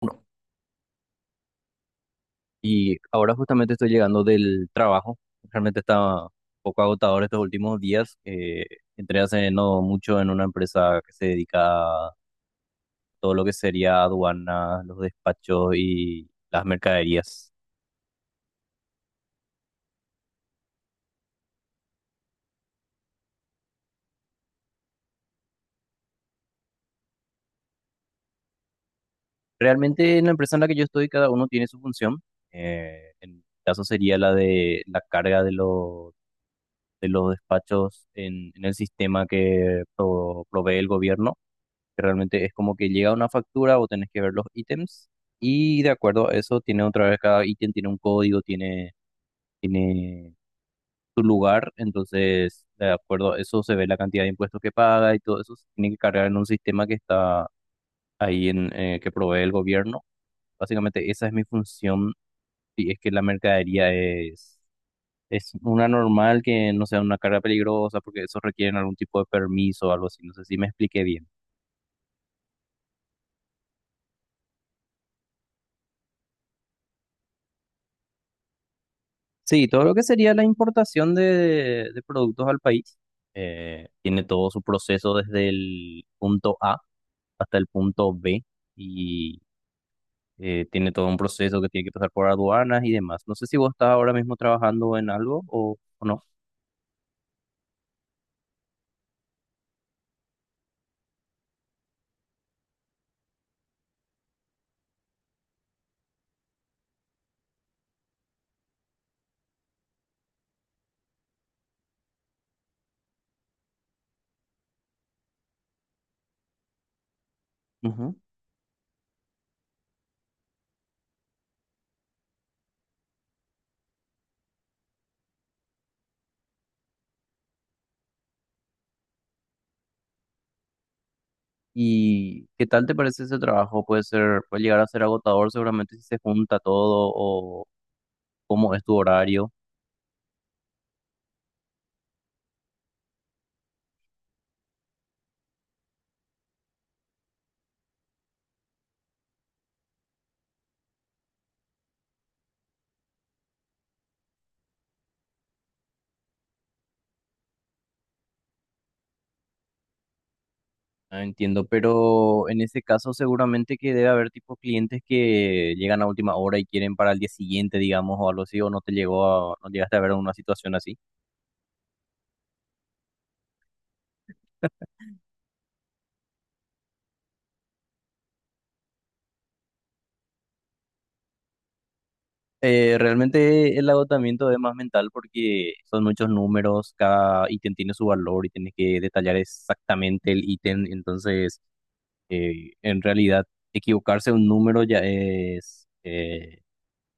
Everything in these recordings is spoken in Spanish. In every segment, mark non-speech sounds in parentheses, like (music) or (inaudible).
Uno. Y ahora justamente estoy llegando del trabajo. Realmente está un poco agotador estos últimos días. Entré hace no mucho en una empresa que se dedica a todo lo que sería aduanas, los despachos y las mercaderías. Realmente en la empresa en la que yo estoy, cada uno tiene su función. En mi caso sería la de la carga de los despachos en el sistema que provee el gobierno, que realmente es como que llega una factura, vos tenés que ver los ítems y de acuerdo a eso tiene otra vez cada ítem, tiene un código, tiene su lugar, entonces de acuerdo a eso se ve la cantidad de impuestos que paga y todo eso se tiene que cargar en un sistema que está ahí en que provee el gobierno. Básicamente esa es mi función y es que la mercadería es... Es una normal, que no sea una carga peligrosa porque eso requiere algún tipo de permiso o algo así. No sé si me expliqué bien. Sí, todo lo que sería la importación de productos al país, tiene todo su proceso desde el punto A hasta el punto B y tiene todo un proceso que tiene que pasar por aduanas y demás. No sé si vos estás ahora mismo trabajando en algo o no. Ujú. ¿Y qué tal te parece ese trabajo? Puede ser, puede llegar a ser agotador seguramente si se junta todo, o cómo es tu horario. Ah, entiendo, pero en ese caso seguramente que debe haber tipo clientes que llegan a última hora y quieren para el día siguiente, digamos, o algo así, o no te llegó no llegaste a ver una situación así. Realmente el agotamiento es más mental porque son muchos números, cada ítem tiene su valor y tienes que detallar exactamente el ítem, entonces en realidad equivocarse un número ya es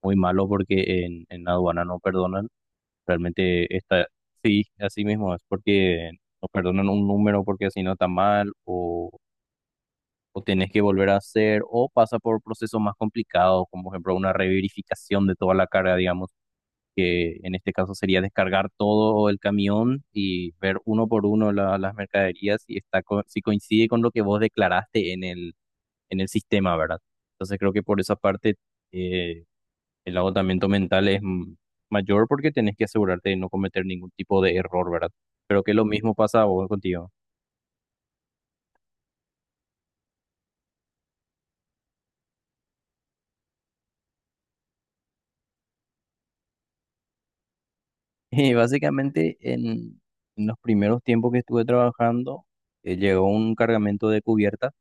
muy malo porque en aduana no perdonan. Realmente está, sí, así mismo es porque nos perdonan un número porque así no está mal, o tenés que volver a hacer, o pasa por procesos más complicados, como por ejemplo una reverificación de toda la carga, digamos, que en este caso sería descargar todo el camión y ver uno por uno las mercaderías y está si coincide con lo que vos declaraste en el sistema, ¿verdad? Entonces creo que por esa parte eh, el agotamiento mental es mayor porque tenés que asegurarte de no cometer ningún tipo de error, ¿verdad? Pero que lo mismo pasa a vos contigo. (laughs) Y básicamente en los primeros tiempos que estuve trabajando, llegó un cargamento de cubiertas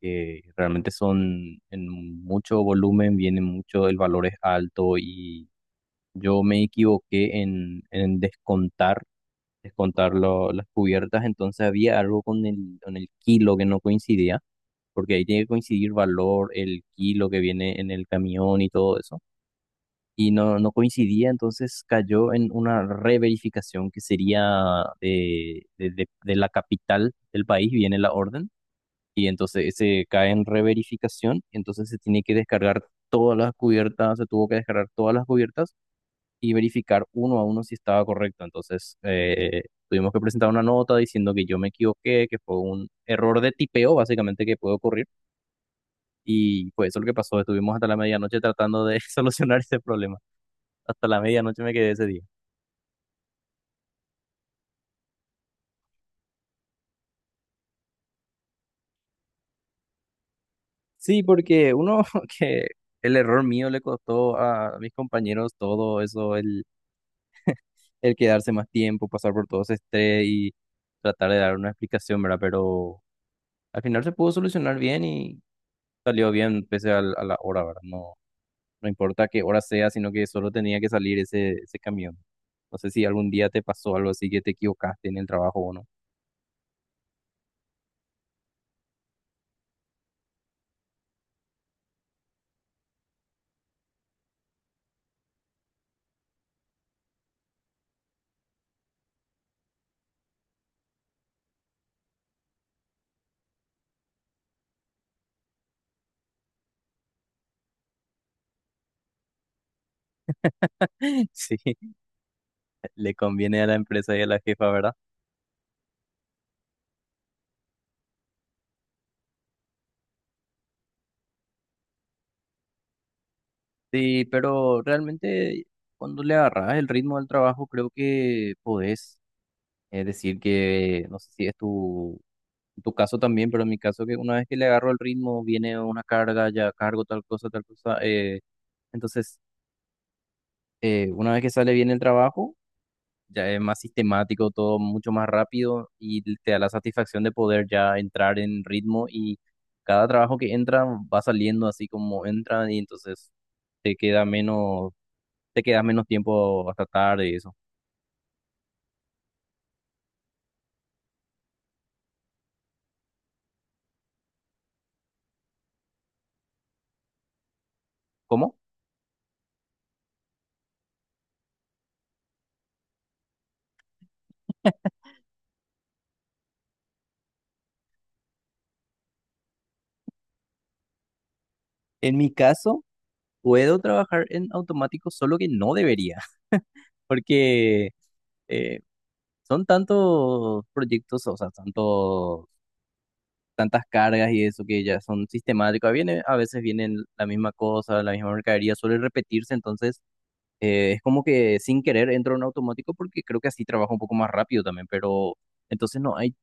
que realmente son en mucho volumen, vienen mucho, el valor es alto y yo me equivoqué en descontar, descontar las cubiertas, entonces había algo con el kilo que no coincidía, porque ahí tiene que coincidir valor, el kilo que viene en el camión y todo eso. Y no coincidía, entonces cayó en una reverificación que sería de la capital del país, viene la orden, y entonces se cae en reverificación, entonces se tiene que descargar todas las cubiertas, se tuvo que descargar todas las cubiertas y verificar uno a uno si estaba correcto. Entonces tuvimos que presentar una nota diciendo que yo me equivoqué, que fue un error de tipeo, básicamente, que puede ocurrir, y fue eso lo que pasó. Estuvimos hasta la medianoche tratando de (laughs) solucionar ese problema. Hasta la medianoche me quedé ese día. Sí, porque uno (laughs) que el error mío le costó a mis compañeros todo eso, el quedarse más tiempo, pasar por todo ese estrés y tratar de dar una explicación, ¿verdad? Pero al final se pudo solucionar bien y salió bien pese a la hora, ¿verdad? No, no importa qué hora sea, sino que solo tenía que salir ese camión. No sé si algún día te pasó algo así que te equivocaste en el trabajo o no. (laughs) Sí. Le conviene a la empresa y a la jefa, ¿verdad? Sí, pero realmente cuando le agarras el ritmo del trabajo, creo que podés decir que, no sé si es tu caso también, pero en mi caso que una vez que le agarro el ritmo, viene una carga, ya cargo tal cosa, tal cosa. Entonces, una vez que sale bien el trabajo, ya es más sistemático, todo mucho más rápido y te da la satisfacción de poder ya entrar en ritmo, y cada trabajo que entra va saliendo así como entra, y entonces te queda menos, te queda menos tiempo hasta tarde y eso. ¿Cómo? En mi caso, puedo trabajar en automático, solo que no debería, (laughs) porque eh, son tantos proyectos, o sea, tantos tantas cargas y eso, que ya son sistemáticas. Viene, a veces vienen la misma cosa, la misma mercadería, suele repetirse, entonces es como que sin querer entro en automático porque creo que así trabajo un poco más rápido también, pero entonces no hay,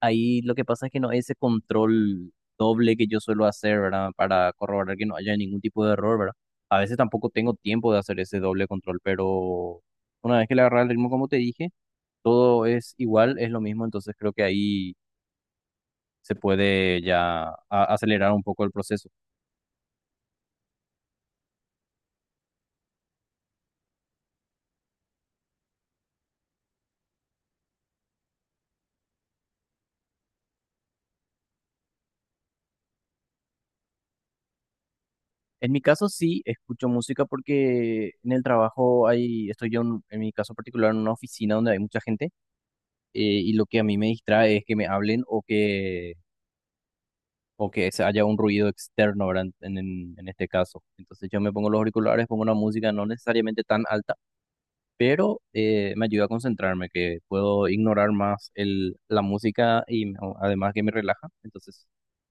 ahí lo que pasa es que no hay ese control doble que yo suelo hacer, ¿verdad? Para corroborar que no haya ningún tipo de error, ¿verdad? A veces tampoco tengo tiempo de hacer ese doble control, pero una vez que le agarra el ritmo, como te dije, todo es igual, es lo mismo, entonces creo que ahí se puede ya acelerar un poco el proceso. En mi caso sí escucho música porque en el trabajo hay, estoy yo en mi caso particular en una oficina donde hay mucha gente, y lo que a mí me distrae es que me hablen o que se haya un ruido externo, ¿verdad? En este caso. Entonces yo me pongo los auriculares, pongo una música no necesariamente tan alta, pero me ayuda a concentrarme, que puedo ignorar más la música además que me relaja. Entonces,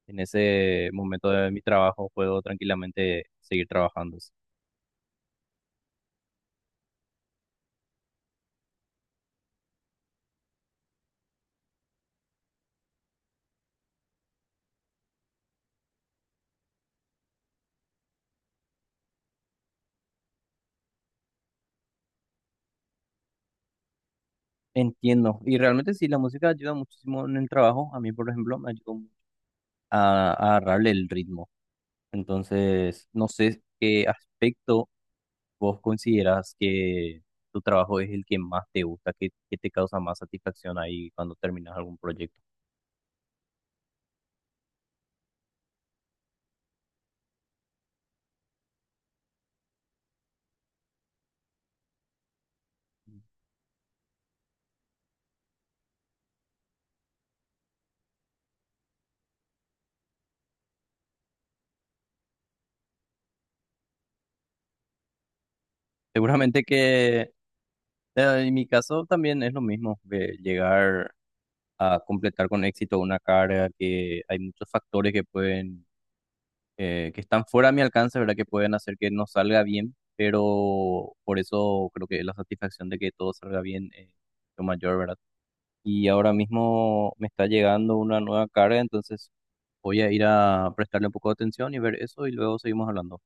en ese momento de mi trabajo puedo tranquilamente seguir trabajando. Entiendo. Y realmente sí, la música ayuda muchísimo en el trabajo. A mí, por ejemplo, me ayudó mucho a agarrarle el ritmo. Entonces, no sé qué aspecto vos consideras que tu trabajo es el que más te gusta, que te causa más satisfacción ahí cuando terminas algún proyecto. Seguramente que en mi caso también es lo mismo, de llegar a completar con éxito una carga, que hay muchos factores que pueden, que están fuera de mi alcance, ¿verdad? Que pueden hacer que no salga bien, pero por eso creo que la satisfacción de que todo salga bien es lo mayor, ¿verdad? Y ahora mismo me está llegando una nueva carga, entonces voy a ir a prestarle un poco de atención y ver eso y luego seguimos hablando.